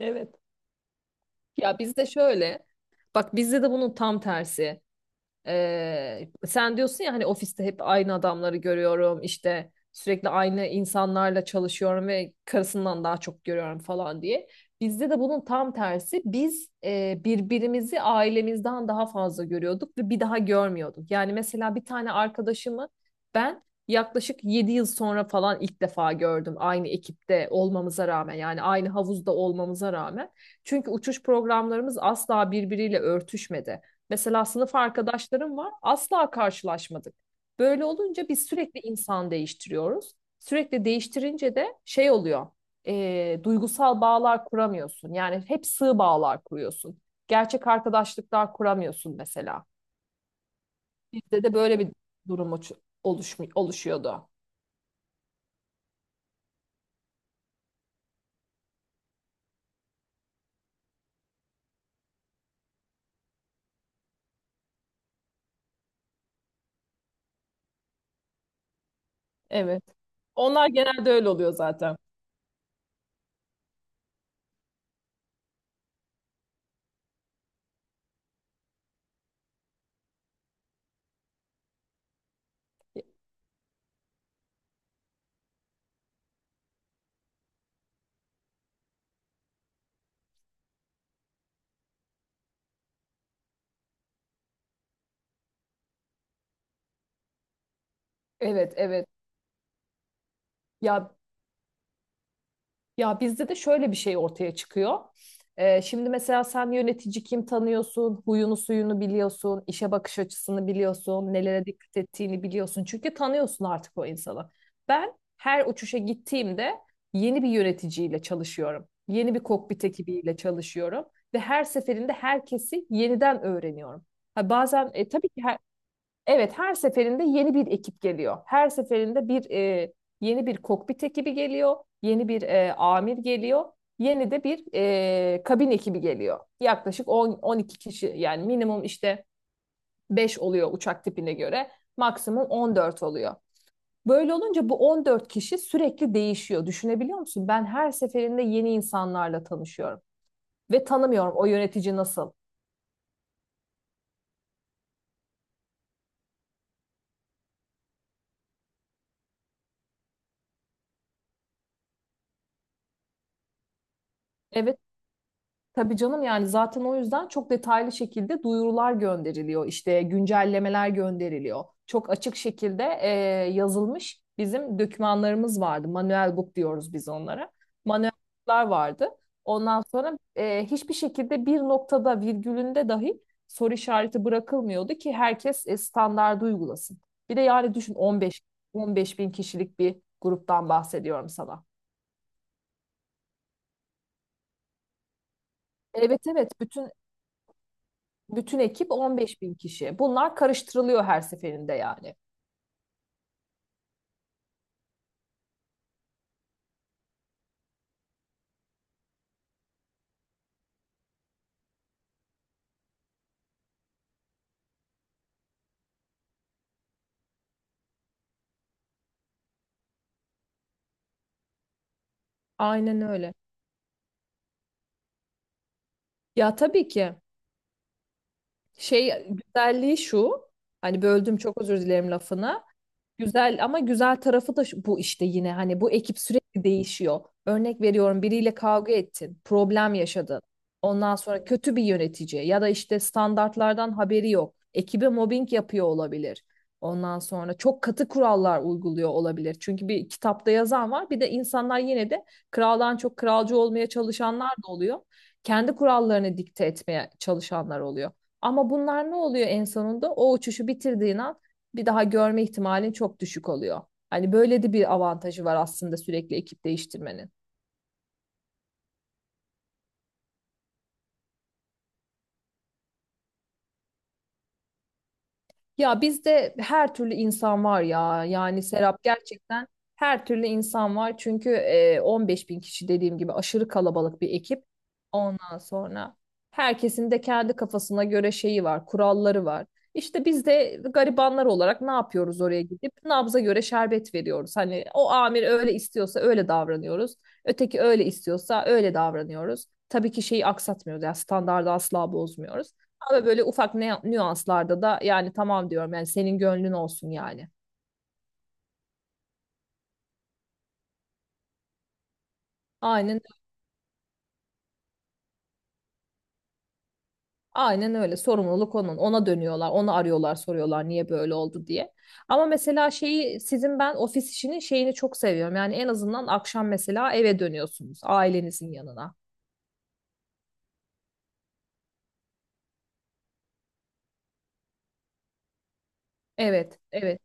Evet. Ya bizde şöyle. Bak bizde de bunun tam tersi. Sen diyorsun ya hani ofiste hep aynı adamları görüyorum işte sürekli aynı insanlarla çalışıyorum ve karısından daha çok görüyorum falan diye. Bizde de bunun tam tersi, biz birbirimizi ailemizden daha fazla görüyorduk ve bir daha görmüyorduk. Yani mesela bir tane arkadaşımı ben yaklaşık 7 yıl sonra falan ilk defa gördüm, aynı ekipte olmamıza rağmen yani aynı havuzda olmamıza rağmen. Çünkü uçuş programlarımız asla birbiriyle örtüşmedi. Mesela sınıf arkadaşlarım var. Asla karşılaşmadık. Böyle olunca biz sürekli insan değiştiriyoruz. Sürekli değiştirince de şey oluyor. Duygusal bağlar kuramıyorsun. Yani hep sığ bağlar kuruyorsun. Gerçek arkadaşlıklar kuramıyorsun mesela. Bizde de böyle bir durum oluşuyordu. Evet. Onlar genelde öyle oluyor zaten. Evet, evet. Ya Ya, bizde de şöyle bir şey ortaya çıkıyor. Şimdi mesela sen yönetici kim tanıyorsun, huyunu suyunu biliyorsun, işe bakış açısını biliyorsun, nelere dikkat ettiğini biliyorsun. Çünkü tanıyorsun artık o insanı. Ben her uçuşa gittiğimde yeni bir yöneticiyle çalışıyorum. Yeni bir kokpit ekibiyle çalışıyorum. Ve her seferinde herkesi yeniden öğreniyorum. Ha, bazen tabii ki her... Evet, her seferinde yeni bir ekip geliyor. Her seferinde yeni bir kokpit ekibi geliyor, yeni bir amir geliyor, yeni de bir kabin ekibi geliyor. Yaklaşık 10-12 kişi yani minimum işte 5 oluyor uçak tipine göre, maksimum 14 oluyor. Böyle olunca bu 14 kişi sürekli değişiyor. Düşünebiliyor musun? Ben her seferinde yeni insanlarla tanışıyorum. Ve tanımıyorum o yönetici nasıl. Evet. Tabii canım, yani zaten o yüzden çok detaylı şekilde duyurular gönderiliyor, işte güncellemeler gönderiliyor. Çok açık şekilde yazılmış bizim dokümanlarımız vardı. Manuel book diyoruz biz onlara. Manuel book'lar vardı. Ondan sonra hiçbir şekilde bir noktada, virgülünde dahi soru işareti bırakılmıyordu ki herkes standardı uygulasın. Bir de yani düşün, 15 bin kişilik bir gruptan bahsediyorum sana. Evet, evet. Bütün ekip 15 bin kişi. Bunlar karıştırılıyor her seferinde yani. Aynen öyle. Ya tabii ki, şey güzelliği şu, hani böldüm, çok özür dilerim lafını. Güzel, ama güzel tarafı da şu: bu işte, yine hani bu ekip sürekli değişiyor. Örnek veriyorum, biriyle kavga ettin, problem yaşadın. Ondan sonra kötü bir yönetici ya da işte standartlardan haberi yok. Ekibe mobbing yapıyor olabilir. Ondan sonra çok katı kurallar uyguluyor olabilir. Çünkü bir kitapta yazan var. Bir de insanlar yine de kraldan çok kralcı olmaya çalışanlar da oluyor. Kendi kurallarını dikte etmeye çalışanlar oluyor. Ama bunlar ne oluyor en sonunda? O uçuşu bitirdiğin an bir daha görme ihtimalin çok düşük oluyor. Hani böyle de bir avantajı var aslında sürekli ekip değiştirmenin. Ya bizde her türlü insan var ya. Yani Serap, gerçekten her türlü insan var. Çünkü 15 bin kişi dediğim gibi aşırı kalabalık bir ekip. Ondan sonra herkesin de kendi kafasına göre şeyi var, kuralları var. İşte biz de garibanlar olarak ne yapıyoruz oraya gidip? Nabza göre şerbet veriyoruz. Hani o amir öyle istiyorsa öyle davranıyoruz. Öteki öyle istiyorsa öyle davranıyoruz. Tabii ki şeyi aksatmıyoruz. Yani standardı asla bozmuyoruz. Ama böyle ufak ne, nüanslarda da yani tamam diyorum, yani senin gönlün olsun yani. Aynen, aynen öyle, sorumluluk onun. Ona dönüyorlar, onu arıyorlar, soruyorlar niye böyle oldu diye. Ama mesela şeyi, sizin, ben ofis işinin şeyini çok seviyorum. Yani en azından akşam mesela eve dönüyorsunuz ailenizin yanına. Evet, evet.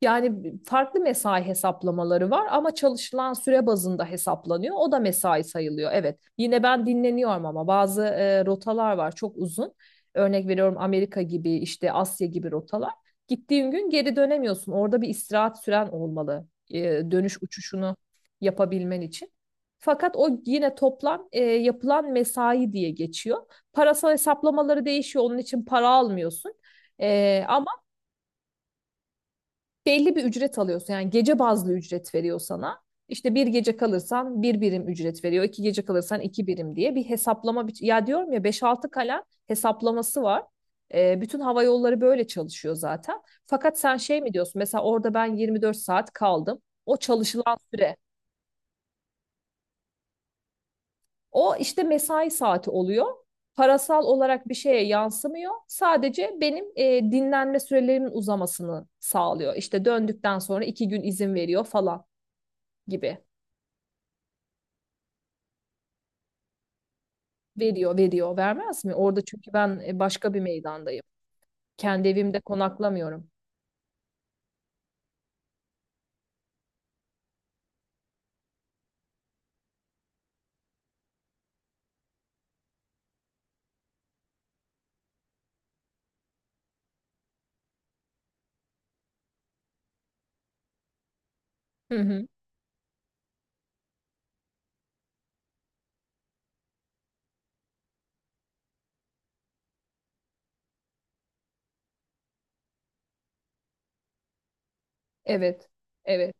Yani farklı mesai hesaplamaları var ama çalışılan süre bazında hesaplanıyor. O da mesai sayılıyor. Evet. Yine ben dinleniyorum ama bazı rotalar var çok uzun. Örnek veriyorum Amerika gibi, işte Asya gibi rotalar. Gittiğin gün geri dönemiyorsun. Orada bir istirahat süren olmalı. e, dönüş uçuşunu yapabilmen için. Fakat o yine toplam yapılan mesai diye geçiyor. Parasal hesaplamaları değişiyor. Onun için para almıyorsun. Ama belli bir ücret alıyorsun. Yani gece bazlı ücret veriyor sana. İşte bir gece kalırsan bir birim ücret veriyor. İki gece kalırsan iki birim diye bir hesaplama. Ya diyorum ya, beş altı kalem hesaplaması var. Bütün hava yolları böyle çalışıyor zaten. Fakat sen şey mi diyorsun? Mesela orada ben 24 saat kaldım. O çalışılan süre. O işte mesai saati oluyor. Parasal olarak bir şeye yansımıyor. Sadece benim dinlenme sürelerimin uzamasını sağlıyor. İşte döndükten sonra iki gün izin veriyor falan gibi. Veriyor, veriyor. Vermez mi? Orada çünkü ben başka bir meydandayım. Kendi evimde konaklamıyorum. Hı hı. Evet. Evet.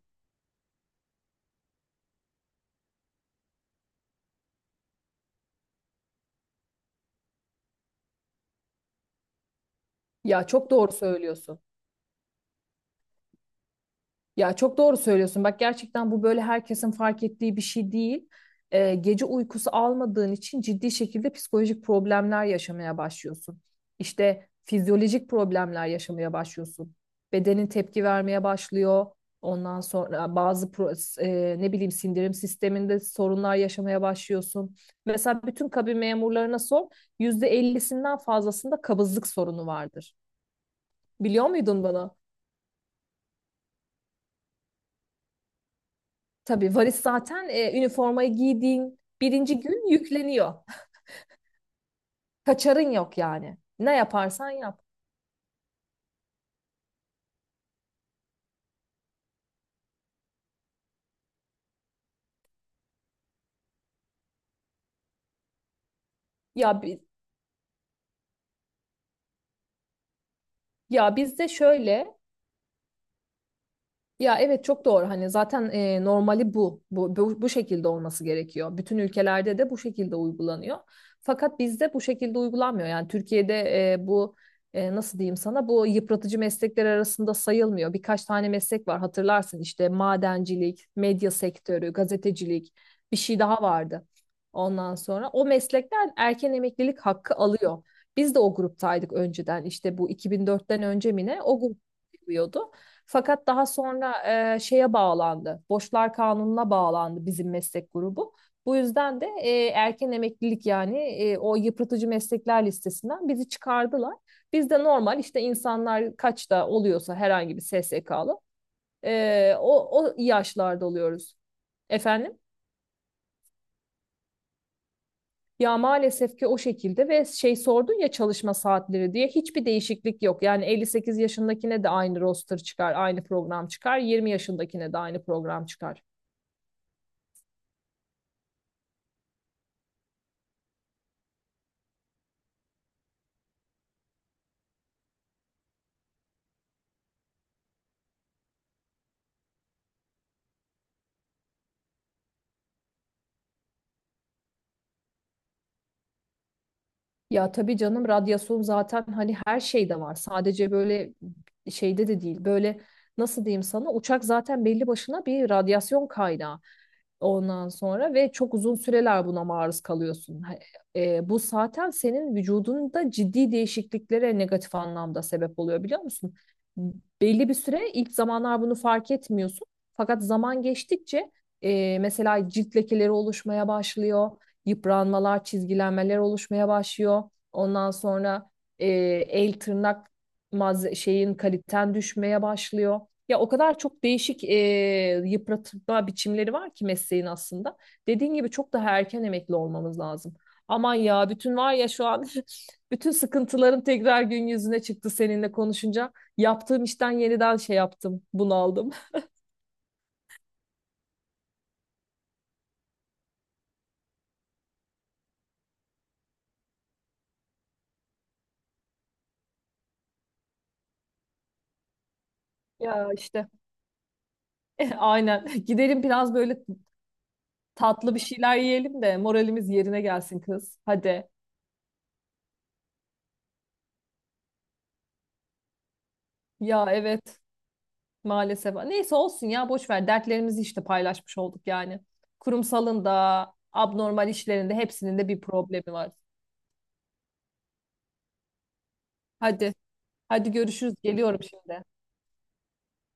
Ya çok doğru söylüyorsun. Ya çok doğru söylüyorsun. Bak, gerçekten bu böyle herkesin fark ettiği bir şey değil. Gece uykusu almadığın için ciddi şekilde psikolojik problemler yaşamaya başlıyorsun. İşte fizyolojik problemler yaşamaya başlıyorsun. Bedenin tepki vermeye başlıyor. Ondan sonra bazı ne bileyim sindirim sisteminde sorunlar yaşamaya başlıyorsun. Mesela bütün kabin memurlarına sor, yüzde %50'sinden fazlasında kabızlık sorunu vardır. Biliyor muydun bunu? Tabii varis zaten üniformayı giydiğin birinci gün yükleniyor. Kaçarın yok yani. Ne yaparsan yap. Ya bi- ya bizde şöyle. Ya evet, çok doğru. Hani zaten normali bu. Bu, bu, bu şekilde olması gerekiyor. Bütün ülkelerde de bu şekilde uygulanıyor. Fakat bizde bu şekilde uygulanmıyor. Yani Türkiye'de bu nasıl diyeyim sana, bu yıpratıcı meslekler arasında sayılmıyor. Birkaç tane meslek var, hatırlarsın, işte madencilik, medya sektörü, gazetecilik, bir şey daha vardı. Ondan sonra o meslekler erken emeklilik hakkı alıyor. Biz de o gruptaydık önceden, işte bu 2004'ten önce mi ne o grup, fakat daha sonra şeye bağlandı. Borçlar Kanunu'na bağlandı bizim meslek grubu. Bu yüzden de erken emeklilik yani o yıpratıcı meslekler listesinden bizi çıkardılar. Biz de normal işte, insanlar kaçta oluyorsa, herhangi bir SSK'lı o yaşlarda oluyoruz. Efendim? Ya maalesef ki o şekilde, ve şey sordun ya çalışma saatleri diye, hiçbir değişiklik yok. Yani 58 yaşındakine de aynı roster çıkar, aynı program çıkar. 20 yaşındakine de aynı program çıkar. Ya tabii canım, radyasyon zaten hani her şeyde var. Sadece böyle şeyde de değil. Böyle, nasıl diyeyim sana, uçak zaten belli başına bir radyasyon kaynağı. Ondan sonra ve çok uzun süreler buna maruz kalıyorsun. Bu zaten senin vücudunda ciddi değişikliklere negatif anlamda sebep oluyor, biliyor musun? Belli bir süre, ilk zamanlar bunu fark etmiyorsun. Fakat zaman geçtikçe mesela cilt lekeleri oluşmaya başlıyor, yıpranmalar, çizgilenmeler oluşmaya başlıyor. Ondan sonra e, el, tırnak, şeyin, kaliten düşmeye başlıyor. Ya o kadar çok değişik yıpratma biçimleri var ki mesleğin aslında. Dediğin gibi çok daha erken emekli olmamız lazım. Aman ya, bütün var ya şu an, bütün sıkıntıların tekrar gün yüzüne çıktı seninle konuşunca. Yaptığım işten yeniden şey yaptım, bunaldım. Ya işte, aynen, gidelim biraz böyle. Tatlı bir şeyler yiyelim de moralimiz yerine gelsin, kız. Hadi. Ya evet, maalesef. Neyse, olsun ya, boş ver. Dertlerimizi işte paylaşmış olduk yani. Kurumsalın da abnormal işlerinde hepsinin de bir problemi var. Hadi. Hadi görüşürüz. Geliyorum şimdi.